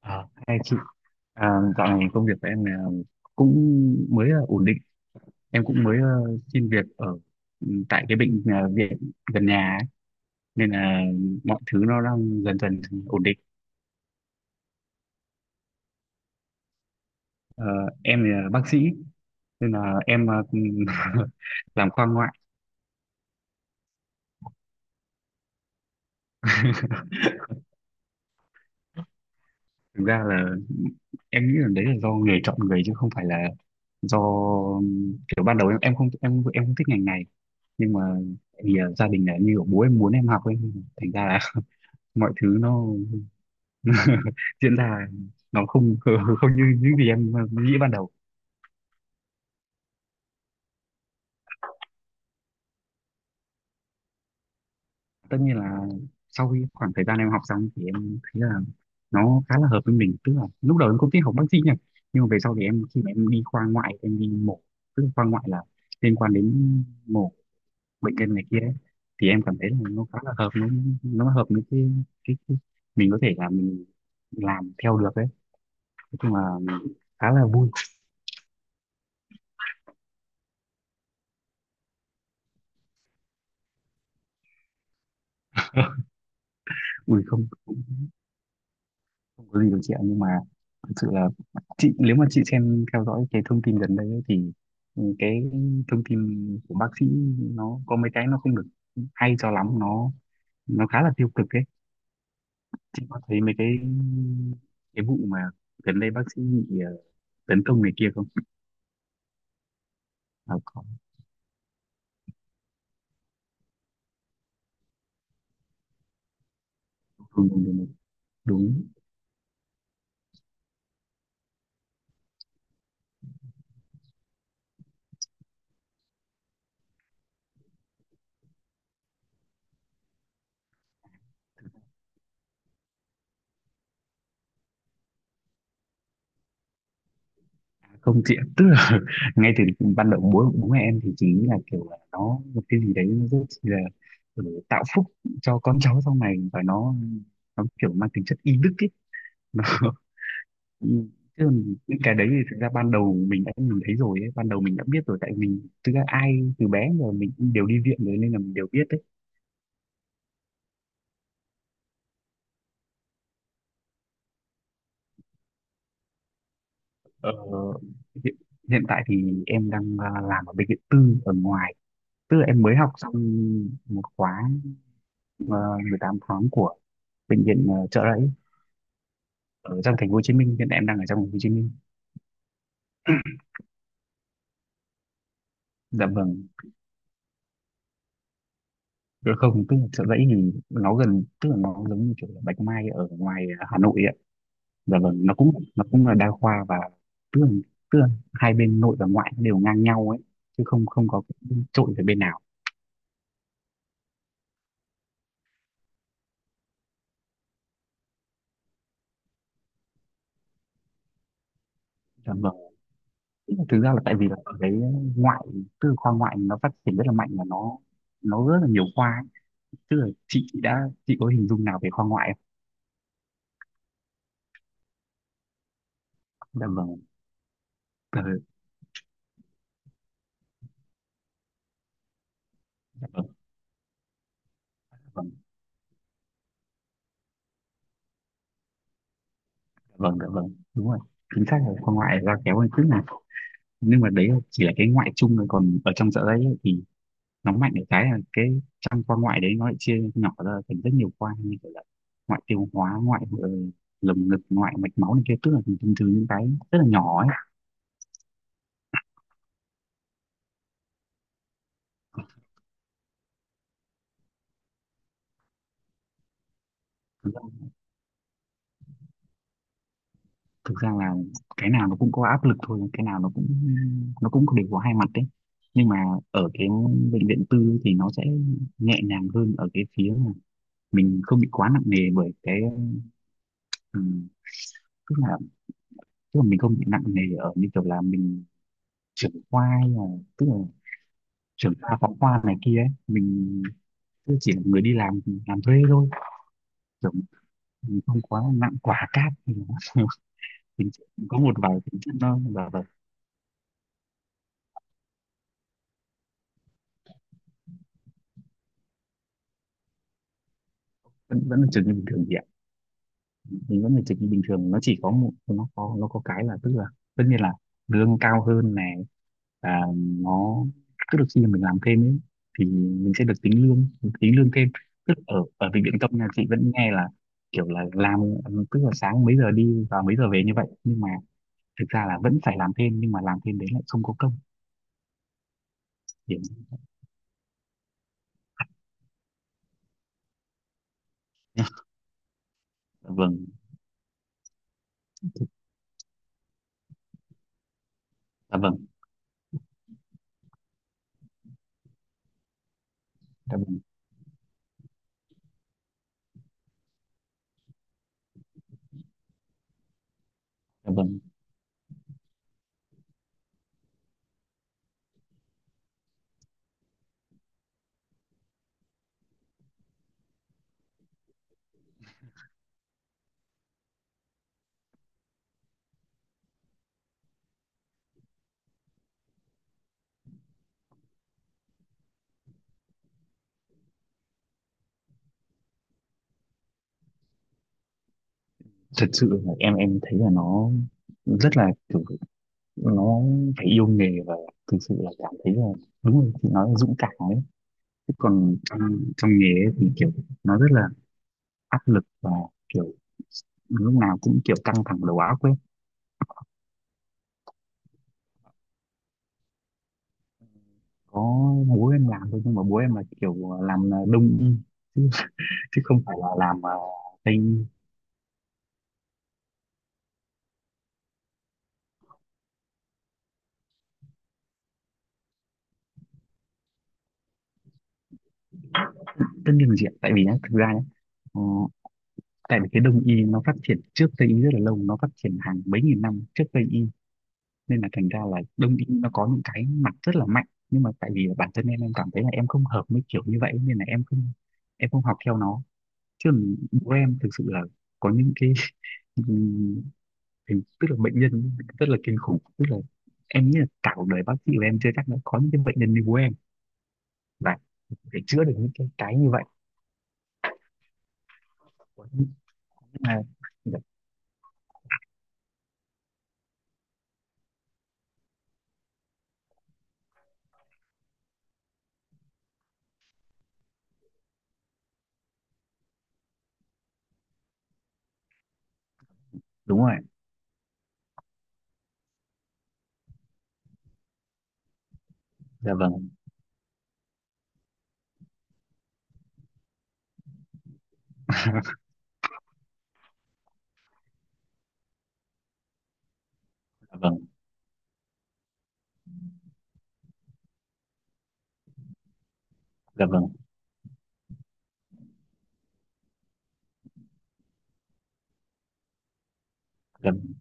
Hai chị à, dạo này công việc của em là cũng mới ổn định. Em cũng mới xin việc ở tại cái bệnh viện gần nhà ấy. Nên là mọi thứ nó đang dần dần ổn định. Ờ, em là bác sĩ nên là em làm khoa ngoại. Thực ra là em nghĩ là đấy là do nghề chọn người chứ không phải là do kiểu ban đầu em không thích ngành này, nhưng mà vì gia đình là như kiểu bố em muốn em học ấy, thành ra là mọi thứ nó diễn ra nó không không như những gì em nghĩ ban đầu. Tất nhiên là sau khi khoảng thời gian em học xong thì em thấy là nó khá là hợp với mình, tức là lúc đầu em không thích học bác sĩ nha, nhưng mà về sau thì em khi mà em đi khoa ngoại em đi mổ, tức là khoa ngoại là liên quan đến mổ bệnh nhân này kia ấy, thì em cảm thấy là nó khá là hợp, nó hợp với cái mình có thể là mình làm theo được đấy. Nói chung là khá là vui. Ui, không không có gì đâu chị ạ, nhưng mà thực sự là chị nếu mà chị xem theo dõi cái thông tin gần đây ấy, thì cái thông tin của bác sĩ nó có mấy cái nó không được hay cho lắm, nó khá là tiêu cực ấy. Chị có thấy mấy cái vụ mà gần đây bác sĩ bị tấn công này kia không? À, có. Đúng, đúng, đúng, đúng. Không chị ạ, tức là ngay từ ban đầu bố bố mẹ em thì chỉ nghĩ là kiểu là nó một cái gì đấy nó rất là, tạo phúc cho con cháu sau này và nó kiểu mang tính chất y đức ấy. Ừ, chứ còn những cái đấy thì thực ra ban đầu mình đã nhìn thấy rồi ấy. Ban đầu mình đã biết rồi tại mình thực ra ai từ bé giờ mình cũng đều đi viện rồi nên là mình đều biết đấy. Ờ, hiện, hiện tại thì em đang làm ở bệnh viện tư ở ngoài, tức là em mới học xong một khóa uh, 18 tháng của bệnh viện Chợ Rẫy ở trong thành phố Hồ Chí Minh. Hiện tại em đang ở trong thành phố Hồ Chí Minh. Dạ vâng. Dạ không, tức là Chợ Rẫy thì nó gần, tức là nó giống như kiểu là Bạch Mai ở ngoài Hà Nội ạ. Dạ vâng, nó cũng là đa khoa và tức là, tức là hai bên nội và ngoại đều ngang nhau ấy, chứ không không có cái trội về bên nào. Dạ vâng. Tức là thực ra là tại vì là ở đấy ngoại, tức là khoa ngoại nó phát triển rất là mạnh và nó rất là nhiều khoa ấy. Tức là chị đã chị có hình dung nào về khoa ngoại không? Dạ vâng. Ờ, dạ vâng. Dạ vâng. Vâng, dạ vâng, đúng rồi. Chính xác là con ngoại ra kéo hơn chút nào, nhưng mà đấy chỉ là cái ngoại chung thôi, còn ở trong dạ dày ấy, thì nó mạnh ở cái là cái trong con ngoại đấy nó lại chia nhỏ ra thành rất nhiều khoa như kiểu là ngoại tiêu hóa, ngoại lồng ngực, ngoại mạch máu này kia, tức là thường thường những cái rất là nhỏ ấy. Thực ra, thực ra là cái nào nó cũng có áp lực thôi, cái nào nó cũng đều có hai mặt đấy, nhưng mà ở cái bệnh viện tư ấy thì nó sẽ nhẹ nhàng hơn ở cái phía mà mình không bị quá nặng nề bởi cái, tức là tức là mình không bị nặng nề ở như kiểu là mình trưởng khoa hay là, tức là trưởng khoa phó khoa này kia ấy, mình tức chỉ là người đi làm thuê thôi, kiểu mình không quá nặng quả cát thì nó. Có một vài tính chất nó và vẫn vẫn là trường như bình thường chị, mình vẫn phải dịch như bình thường, nó chỉ có một nó có cái là, tức là tất nhiên là lương cao hơn này và nó, tức là khi mà mình làm thêm ấy thì mình sẽ được tính lương thêm. Tức ở ở Bệnh viện Tâm nhà chị vẫn nghe là kiểu là làm, tức là sáng mấy giờ đi và mấy giờ về như vậy, nhưng mà thực ra là vẫn phải làm thêm, nhưng mà làm thêm đấy lại không có công thì. Dạ vâng, dạ vâng, dạ vâng, dạ vâng. Thật sự là em thấy là nó rất là kiểu nó phải yêu nghề và thực sự là cảm thấy là đúng rồi, chị nói là dũng cảm ấy, chứ còn trong trong nghề ấy thì kiểu nó rất là áp lực và kiểu lúc nào cũng kiểu căng thẳng đầu óc ấy. Có, bố em làm thôi, nhưng mà bố em là kiểu làm đông y, chứ, chứ không phải là làm tây y. Tất nhiên là chị ạ, tại vì nhá, thực ra nhá, ờ, tại vì cái đông y nó phát triển trước tây y rất là lâu, nó phát triển hàng mấy nghìn năm trước tây y, nên là thành ra là đông y nó có những cái mặt rất là mạnh, nhưng mà tại vì bản thân em cảm thấy là em không hợp với kiểu như vậy nên là em không học theo nó. Chứ bố em thực sự là có những cái tức là bệnh nhân rất là kinh khủng, tức là em nghĩ là cả cuộc đời bác sĩ của em chưa chắc đã có những cái bệnh nhân như bố em và để chữa được những cái như vậy. Nhưng mà- dạ, đúng rồi. Dạ vâng, dạ vâng, dạ vâng, dạ, vâng,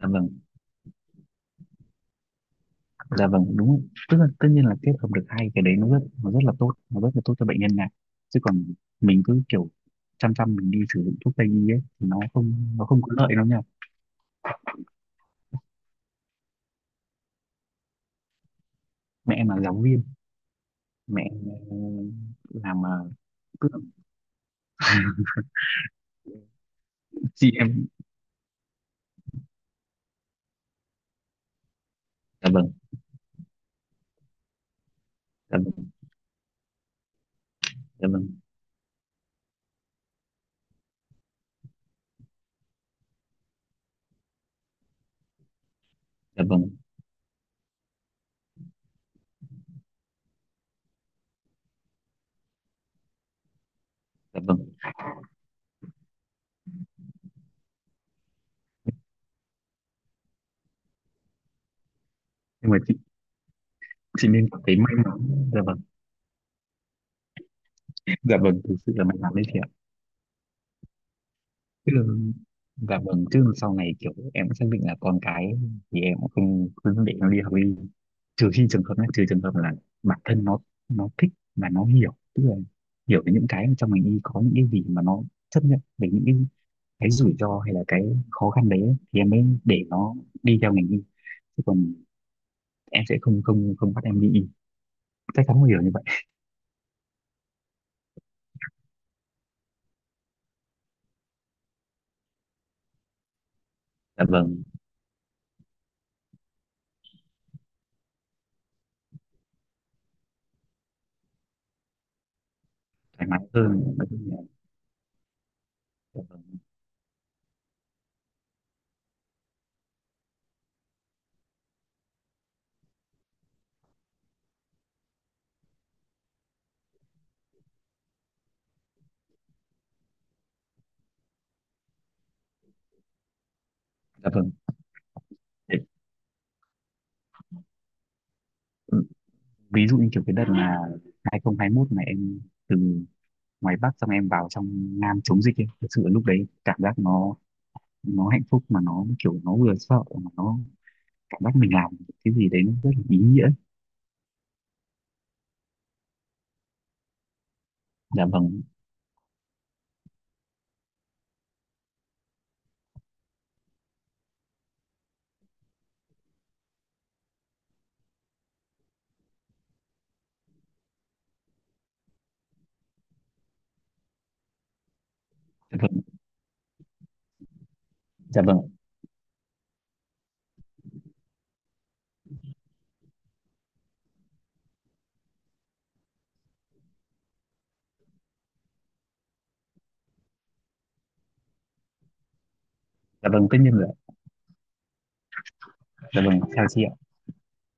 dạ vâng. Dạ vâng, đúng, tức là tất nhiên là kết hợp được hai cái đấy nó rất là tốt, nó rất là tốt cho bệnh nhân này, chứ còn mình cứ kiểu chăm chăm mình đi sử dụng thuốc tây y ấy thì nó không có lợi đâu nha. Mẹ em là giáo viên. Mẹ em làm cứ chị em. Dạ vâng, dạ vâng, dạ vâng, dạ vâng, dạ vâng. Nhưng mà chị nên cảm thấy may mắn. Dạ vâng. Dạ vâng, thực sự là may mắn đấy chị ạ. Chứ dạ vâng, chứ sau này kiểu em cũng xác định là con cái thì em cũng không không để nó đi học đi, trừ khi trường hợp này trừ trường hợp là bản thân nó thích và nó hiểu, tức là hiểu về những cái trong mình đi có những cái gì mà nó chấp nhận về những cái rủi ro hay là cái khó khăn đấy ấy, thì em mới để nó đi theo ngành y. Chứ còn em sẽ không không không bắt em đi y, chắc chắn không hiểu như vậy. Dạ vâng, thoải mái hơn. Nói chung là dạ vâng, dạ vâng. Thế, ừ, ví dụ như kiểu cái đợt là 2021 này em từ ngoài Bắc xong em vào trong Nam chống dịch ấy. Thực sự lúc đấy cảm giác nó hạnh phúc mà nó kiểu nó vừa sợ mà nó cảm giác mình làm cái gì đấy nó rất là ý nghĩa. Dạ vâng, dạ vâng, dạ vâng, dạ vâng, tất nhiên rồi ạ. Dạ vâng, chào chị ạ.